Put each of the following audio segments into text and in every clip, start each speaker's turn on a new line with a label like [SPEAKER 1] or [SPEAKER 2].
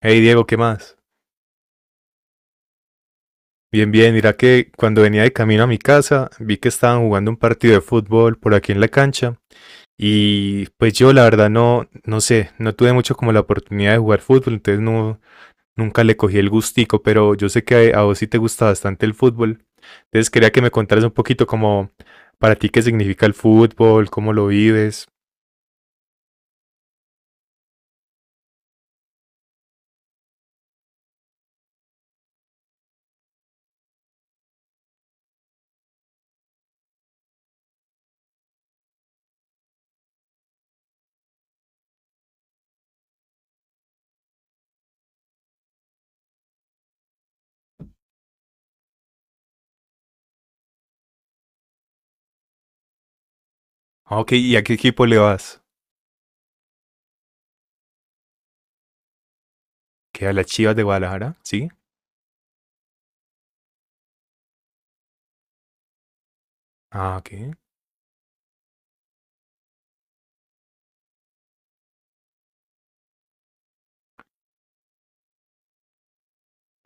[SPEAKER 1] Hey Diego, ¿qué más? Bien, bien, mira que cuando venía de camino a mi casa vi que estaban jugando un partido de fútbol por aquí en la cancha y pues yo la verdad no, no sé, no tuve mucho como la oportunidad de jugar fútbol, entonces no, nunca le cogí el gustico, pero yo sé que a vos sí te gusta bastante el fútbol, entonces quería que me contaras un poquito como para ti qué significa el fútbol, cómo lo vives. Ah, ok, ¿y a qué equipo le vas? ¿Que a las Chivas de Guadalajara? ¿Sí? Ah, ok.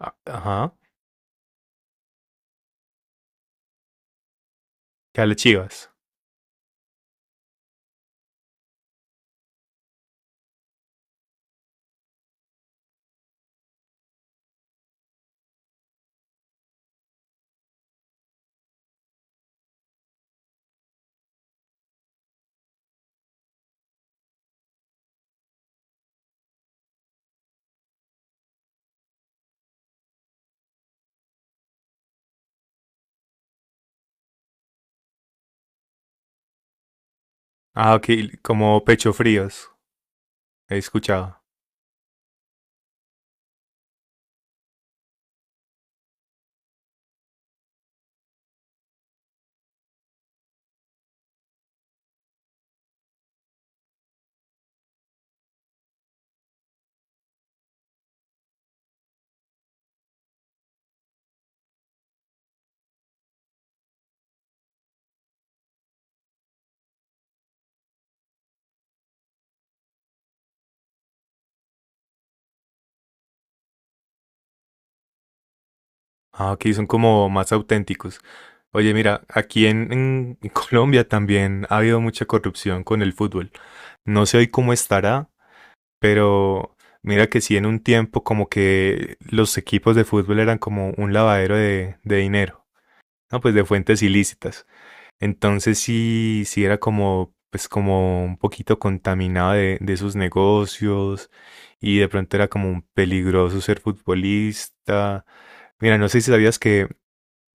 [SPEAKER 1] Ah, ajá. ¿Que a las Chivas? Ah, ok, como pecho fríos, he escuchado. Ah, ok, son como más auténticos. Oye, mira, aquí en Colombia también ha habido mucha corrupción con el fútbol. No sé hoy cómo estará, pero mira que sí en un tiempo como que los equipos de fútbol eran como un lavadero de dinero, ¿no? Pues de fuentes ilícitas. Entonces sí, sí era como, pues como un poquito contaminado de sus negocios y de pronto era como un peligroso ser futbolista. Mira, no sé si sabías que,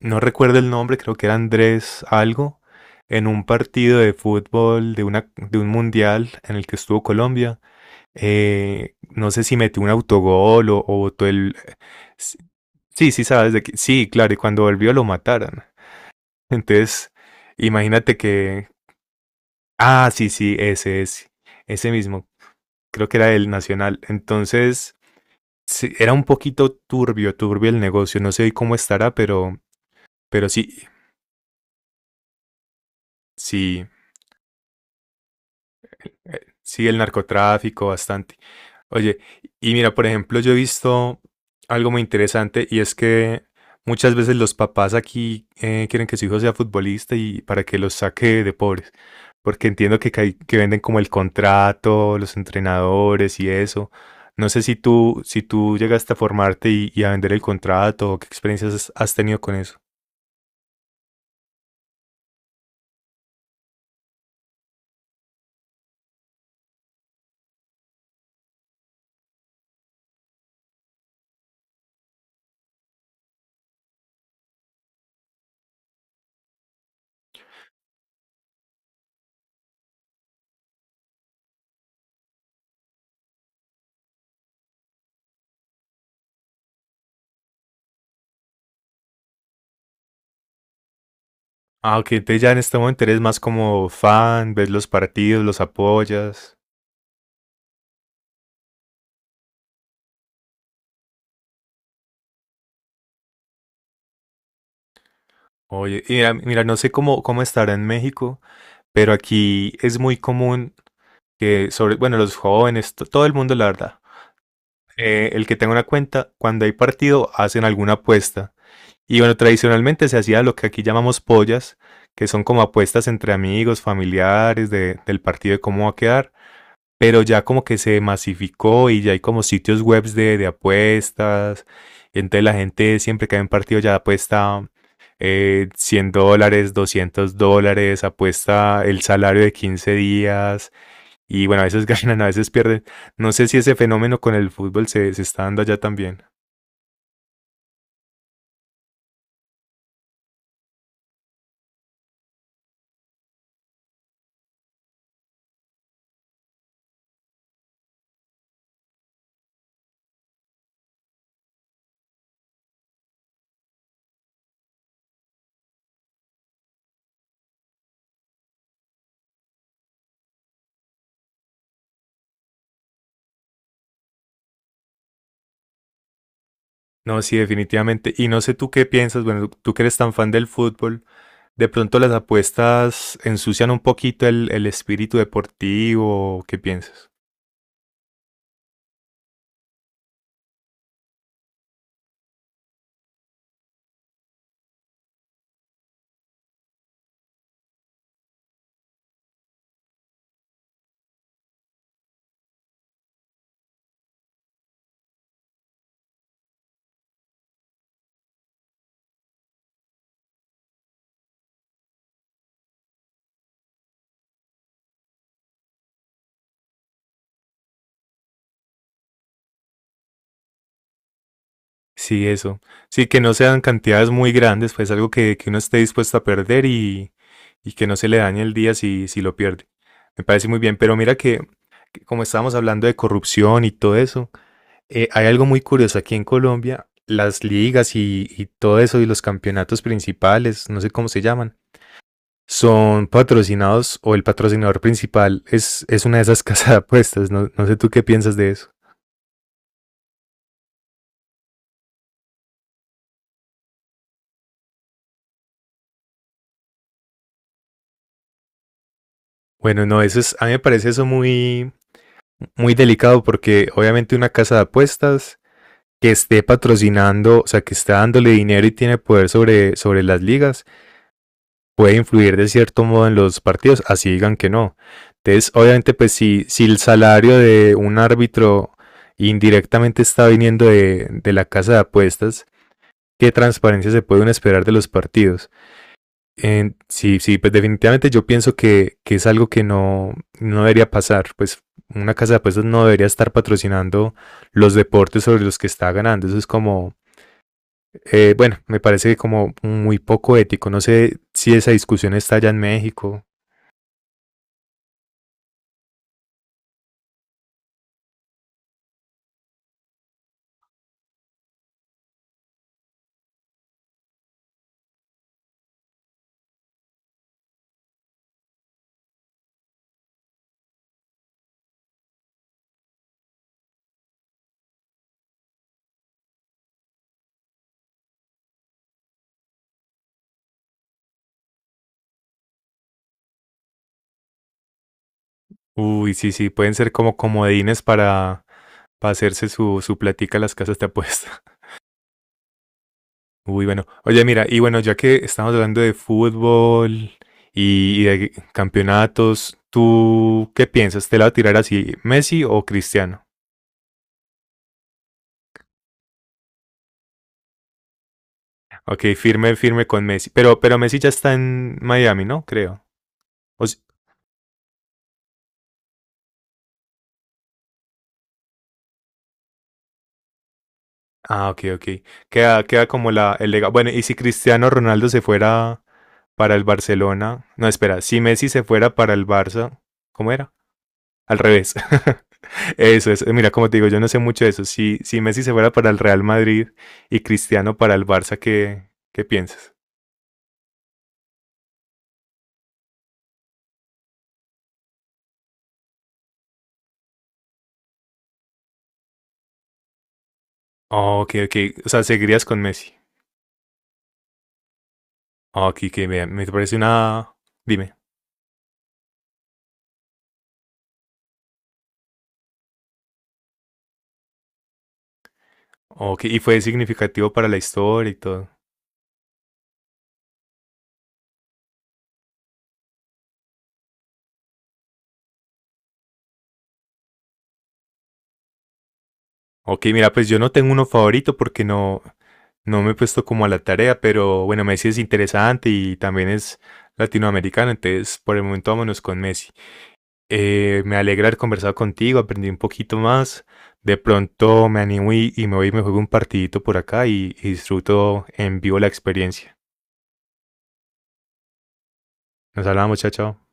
[SPEAKER 1] no recuerdo el nombre, creo que era Andrés algo, en un partido de fútbol de una, de un mundial en el que estuvo Colombia. No sé si metió un autogol o botó el... Sí, sí, sabes de que... Sí, claro, y cuando volvió lo mataron. Entonces, imagínate que, ah, sí, sí, ese es, ese mismo. Creo que era el Nacional. Entonces, sí, era un poquito turbio, turbio el negocio. No sé cómo estará, pero sí, sí, sí, el narcotráfico bastante. Oye, y mira, por ejemplo, yo he visto algo muy interesante y es que muchas veces los papás aquí quieren que su hijo sea futbolista y para que los saque de pobres, porque entiendo que, que venden como el contrato, los entrenadores y eso. No sé si tú, si tú llegaste a formarte y a vender el contrato, o qué experiencias has tenido con eso. Ah, ok, entonces ya en este momento eres más como fan, ves los partidos, los apoyas. Oye, y mira, mira, no sé cómo, cómo estará en México. Pero aquí es muy común que sobre, bueno, los jóvenes, todo el mundo, la verdad, el que tenga una cuenta, cuando hay partido, hacen alguna apuesta. Y bueno, tradicionalmente se hacía lo que aquí llamamos pollas, que son como apuestas entre amigos, familiares del partido de cómo va a quedar, pero ya como que se masificó y ya hay como sitios webs de apuestas. Entonces la gente siempre que hay un partido ya apuesta 100 dólares, $200, apuesta el salario de 15 días y bueno, a veces ganan, a veces pierden. No sé si ese fenómeno con el fútbol se, se está dando allá también. No, sí, definitivamente. Y no sé tú qué piensas, bueno, tú que eres tan fan del fútbol, de pronto las apuestas ensucian un poquito el espíritu deportivo, ¿qué piensas? Sí, eso. Sí, que no sean cantidades muy grandes, pues algo que uno esté dispuesto a perder y que no se le dañe el día si, si lo pierde. Me parece muy bien, pero mira que como estábamos hablando de corrupción y todo eso, hay algo muy curioso aquí en Colombia, las ligas y todo eso y los campeonatos principales, no sé cómo se llaman, son patrocinados o el patrocinador principal es una de esas casas de apuestas, no, no sé tú qué piensas de eso. Bueno, no, eso es, a mí me parece eso muy, muy delicado porque obviamente una casa de apuestas que esté patrocinando, o sea, que está dándole dinero y tiene poder sobre, sobre las ligas, puede influir de cierto modo en los partidos, así digan que no. Entonces, obviamente, pues si, si el salario de un árbitro indirectamente está viniendo de la casa de apuestas, ¿qué transparencia se puede uno esperar de los partidos? Sí, sí, pues definitivamente yo pienso que es algo que no, no debería pasar. Pues una casa de apuestas no debería estar patrocinando los deportes sobre los que está ganando. Eso es como, bueno, me parece como muy poco ético. No sé si esa discusión está allá en México. Uy, sí, sí, pueden ser como comodines para hacerse su, su platica las casas de apuestas. Uy, bueno. Oye, mira, y bueno, ya que estamos hablando de fútbol y de campeonatos, ¿tú qué piensas? ¿Te la va a tirar así, Messi o Cristiano? Ok, firme, firme con Messi. Pero Messi ya está en Miami, ¿no? Creo. O s- ah, ok, ok. Queda, queda como la, el legado. Bueno, y si Cristiano Ronaldo se fuera para el Barcelona. No, espera, si Messi se fuera para el Barça, ¿cómo era? Al revés. Eso es, mira, como te digo, yo no sé mucho de eso. Si, si Messi se fuera para el Real Madrid y Cristiano para el Barça, ¿qué, qué piensas? Oh, ok, ok. O sea, seguirías con Messi. Oh, ok, que bien. Me parece una. Dime. Ok, y fue significativo para la historia y todo. Ok, mira, pues yo no tengo uno favorito porque no, no me he puesto como a la tarea, pero bueno, Messi es interesante y también es latinoamericano, entonces por el momento vámonos con Messi. Me alegra haber conversado contigo, aprendí un poquito más. De pronto me animo y me voy y me juego un partidito por acá y disfruto en vivo la experiencia. Nos hablamos, chao, chao.